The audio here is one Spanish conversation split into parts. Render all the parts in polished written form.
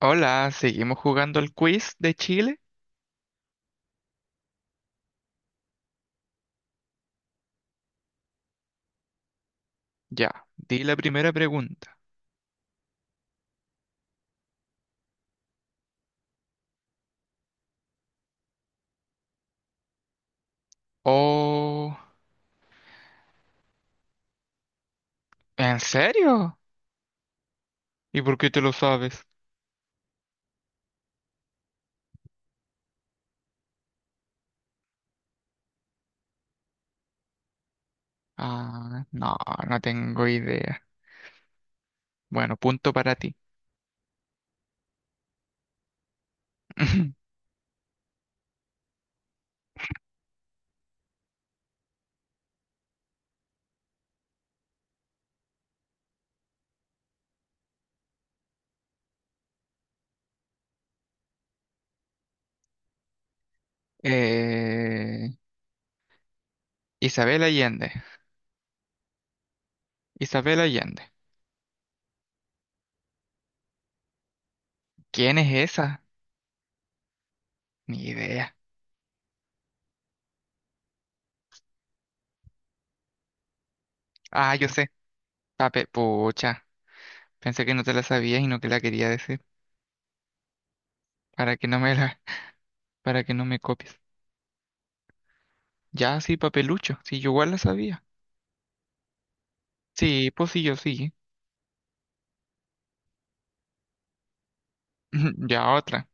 Hola, ¿seguimos jugando el quiz de Chile? Ya, di la primera pregunta. Oh, ¿en serio? ¿Y por qué te lo sabes? Ah, no, no tengo idea. Bueno, punto para ti. Eh, Isabel Allende. Isabel Allende. ¿Quién es esa? Ni idea. Ah, yo sé. Pape, pucha. Pensé que no te la sabías y no que la quería decir. Para que no me la, para que no me copies. Ya, sí, papelucho. Sí, yo igual la sabía. Sí, pues sí, yo sí. Ya otra.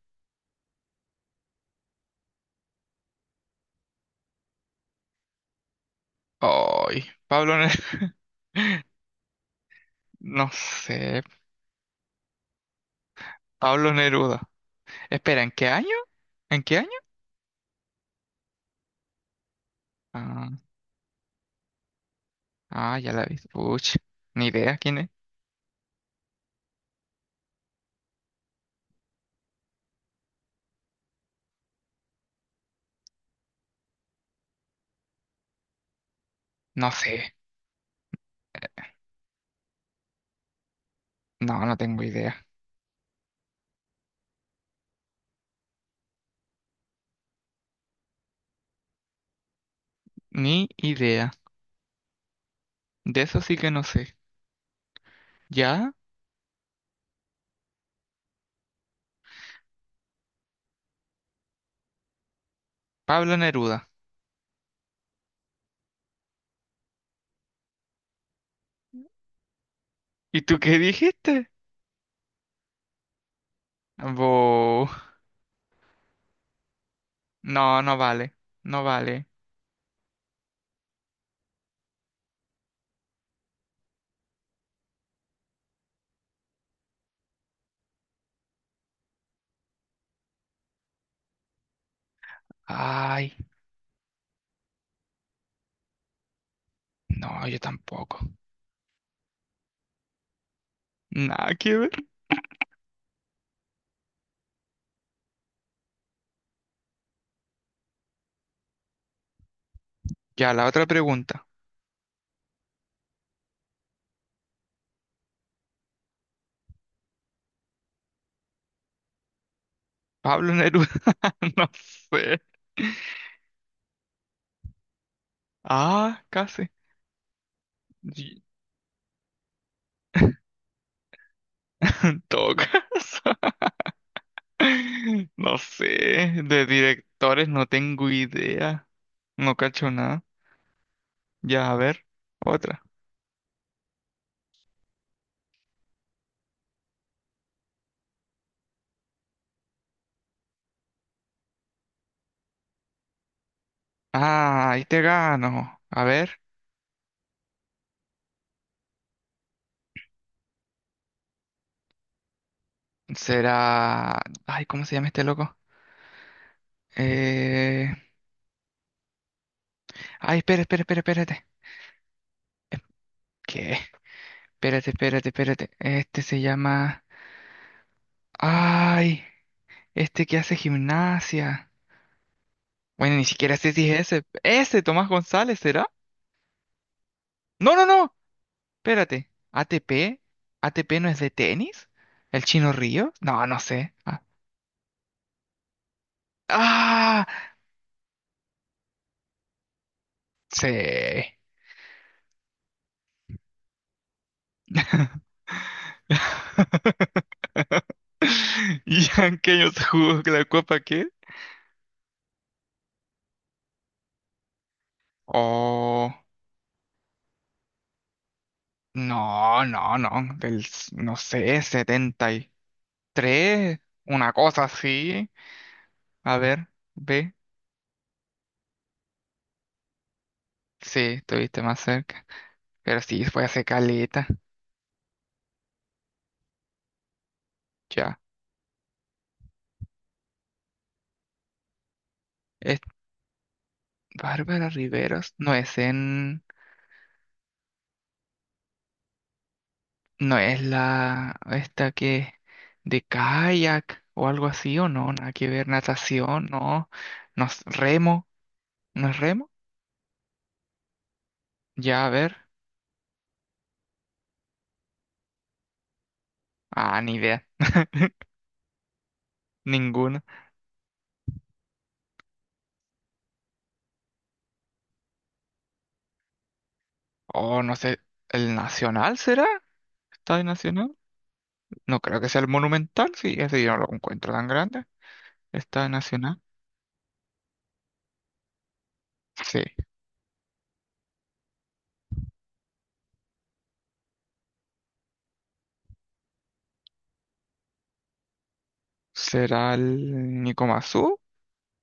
Ay, Pablo Neruda. No sé. Pablo Neruda. Espera, ¿en qué año? ¿En qué año? Ah, ah, ya la vi. Puch, ni idea quién es. No sé. No, no tengo idea. Ni idea. De eso sí que no sé. ¿Ya? Pablo Neruda. ¿Y tú qué dijiste? Bo. No, no vale. No vale. Ay, no, yo tampoco. Nada que ver. Ya, la otra pregunta. Pablo Neruda. No sé. Ah, casi. Y- En todo caso, no sé, de directores no tengo idea, no cacho nada. Ya, a ver, otra. Ah, ahí te gano. A ver, será... Ay, ¿cómo se llama este loco? Eh... Ay, espera, espera, espera, espérate. ¿Qué? Espérate, espérate, espérate. Este se llama... Ay, este que hace gimnasia. Bueno, ni siquiera sé si es ese. Ese, Tomás González, ¿será? No, no, no. Espérate, ¿ATP? ¿ATP no es de tenis? ¿El Chino Río? No, no sé. Ah, ¡ah! Sí. ¿Y en qué año se jugó la Copa qué? Oh, no, no, no, del, s- no sé, setenta y tres, una cosa así. A ver, ve, sí, estuviste más cerca, pero sí, fue hace caleta, ya. Es Bárbara Riveros, no es en... No es la esta que de kayak o algo así o no, nada que ver, natación, no, no es remo, ¿no es remo? Ya, a ver, ah, ni idea, ninguna. Oh, no sé, ¿el Nacional será? ¿Estadio Nacional? No creo que sea el Monumental, sí, ese yo no lo encuentro tan grande. ¿Estadio Nacional? Sí. ¿Será el Nico Mazú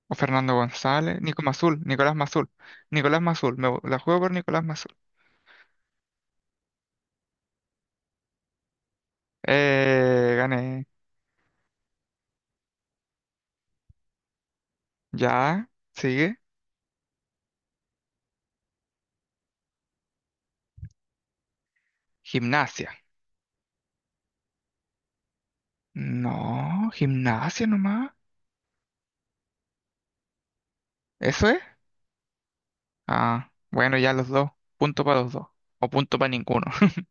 o Fernando González? Nico Mazul, Nicolás Mazul, Nicolás Mazul, me la juego por Nicolás Mazul. Gané. Ya, sigue. Gimnasia. No, gimnasia nomás. ¿Eso es? Ah, bueno, ya los dos. Punto para los dos. O punto para ninguno.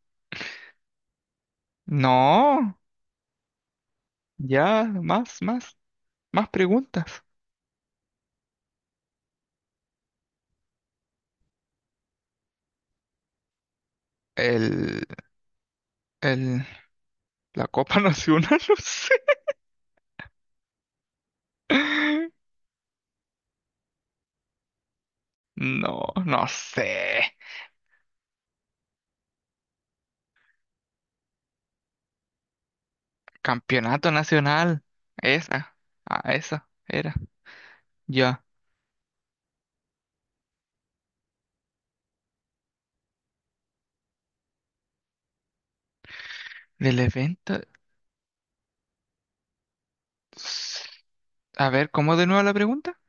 No, ya, más, más, más preguntas. El, el, la Copa Nacional, no sé. No, no sé. Campeonato Nacional. Esa, ah, esa era. Ya, del evento. A ver, ¿cómo de nuevo la pregunta?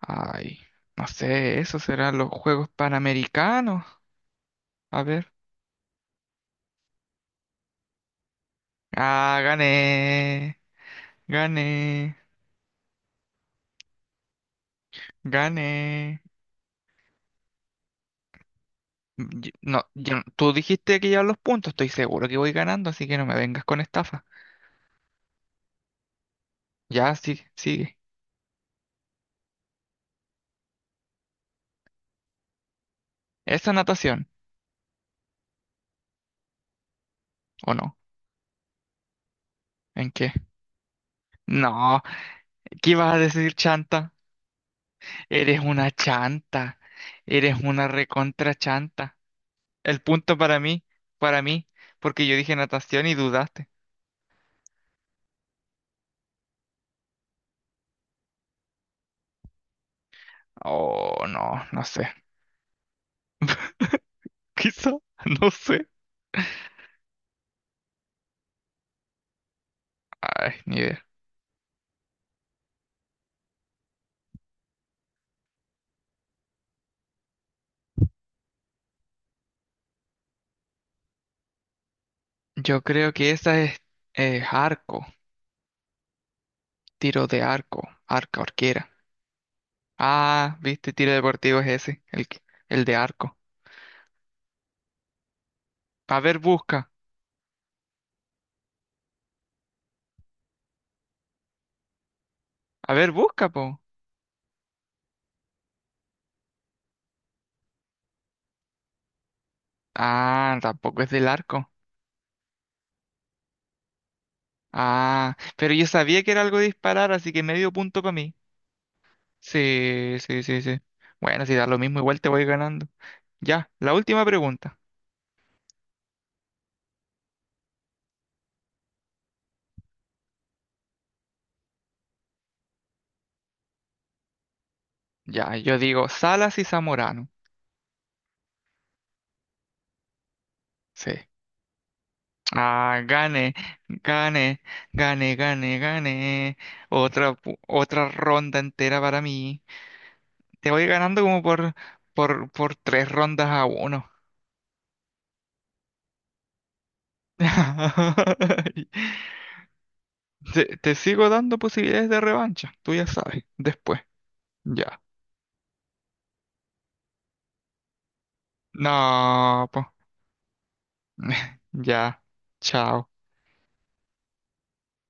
Ay, no sé, esos serán los Juegos Panamericanos. A ver. Ah, gané, gané, gané. No, yo no- tú dijiste que ya los puntos, estoy seguro que voy ganando, así que no me vengas con estafa. Ya, sí, sigue. ¿Esa natación? ¿O no? ¿En qué? No, ¿qué ibas a decir, chanta? Eres una chanta. Eres una recontra chanta. El punto para mí, porque yo dije natación y dudaste. Oh, no, no sé. Quizá, no sé. Ay, ni idea. Yo creo que esa es arco, tiro de arco, arca arquera. Ah, viste, tiro deportivo es ese, que- el de arco. A ver, busca. A ver, busca, po. Ah, tampoco es del arco. Ah, pero yo sabía que era algo de disparar, así que medio punto para mí. Sí, sí, sí, sí. Bueno, si da lo mismo, igual te voy ganando. Ya, la última pregunta. Ya, yo digo Salas y Zamorano. Sí. Ah, gane, gane, gane, gane, gane. Otra, pu- otra ronda entera para mí. Te voy ganando como por tres rondas a uno. Te sigo dando posibilidades de revancha, tú ya sabes, después. Ya. No, po. Ya. Chao.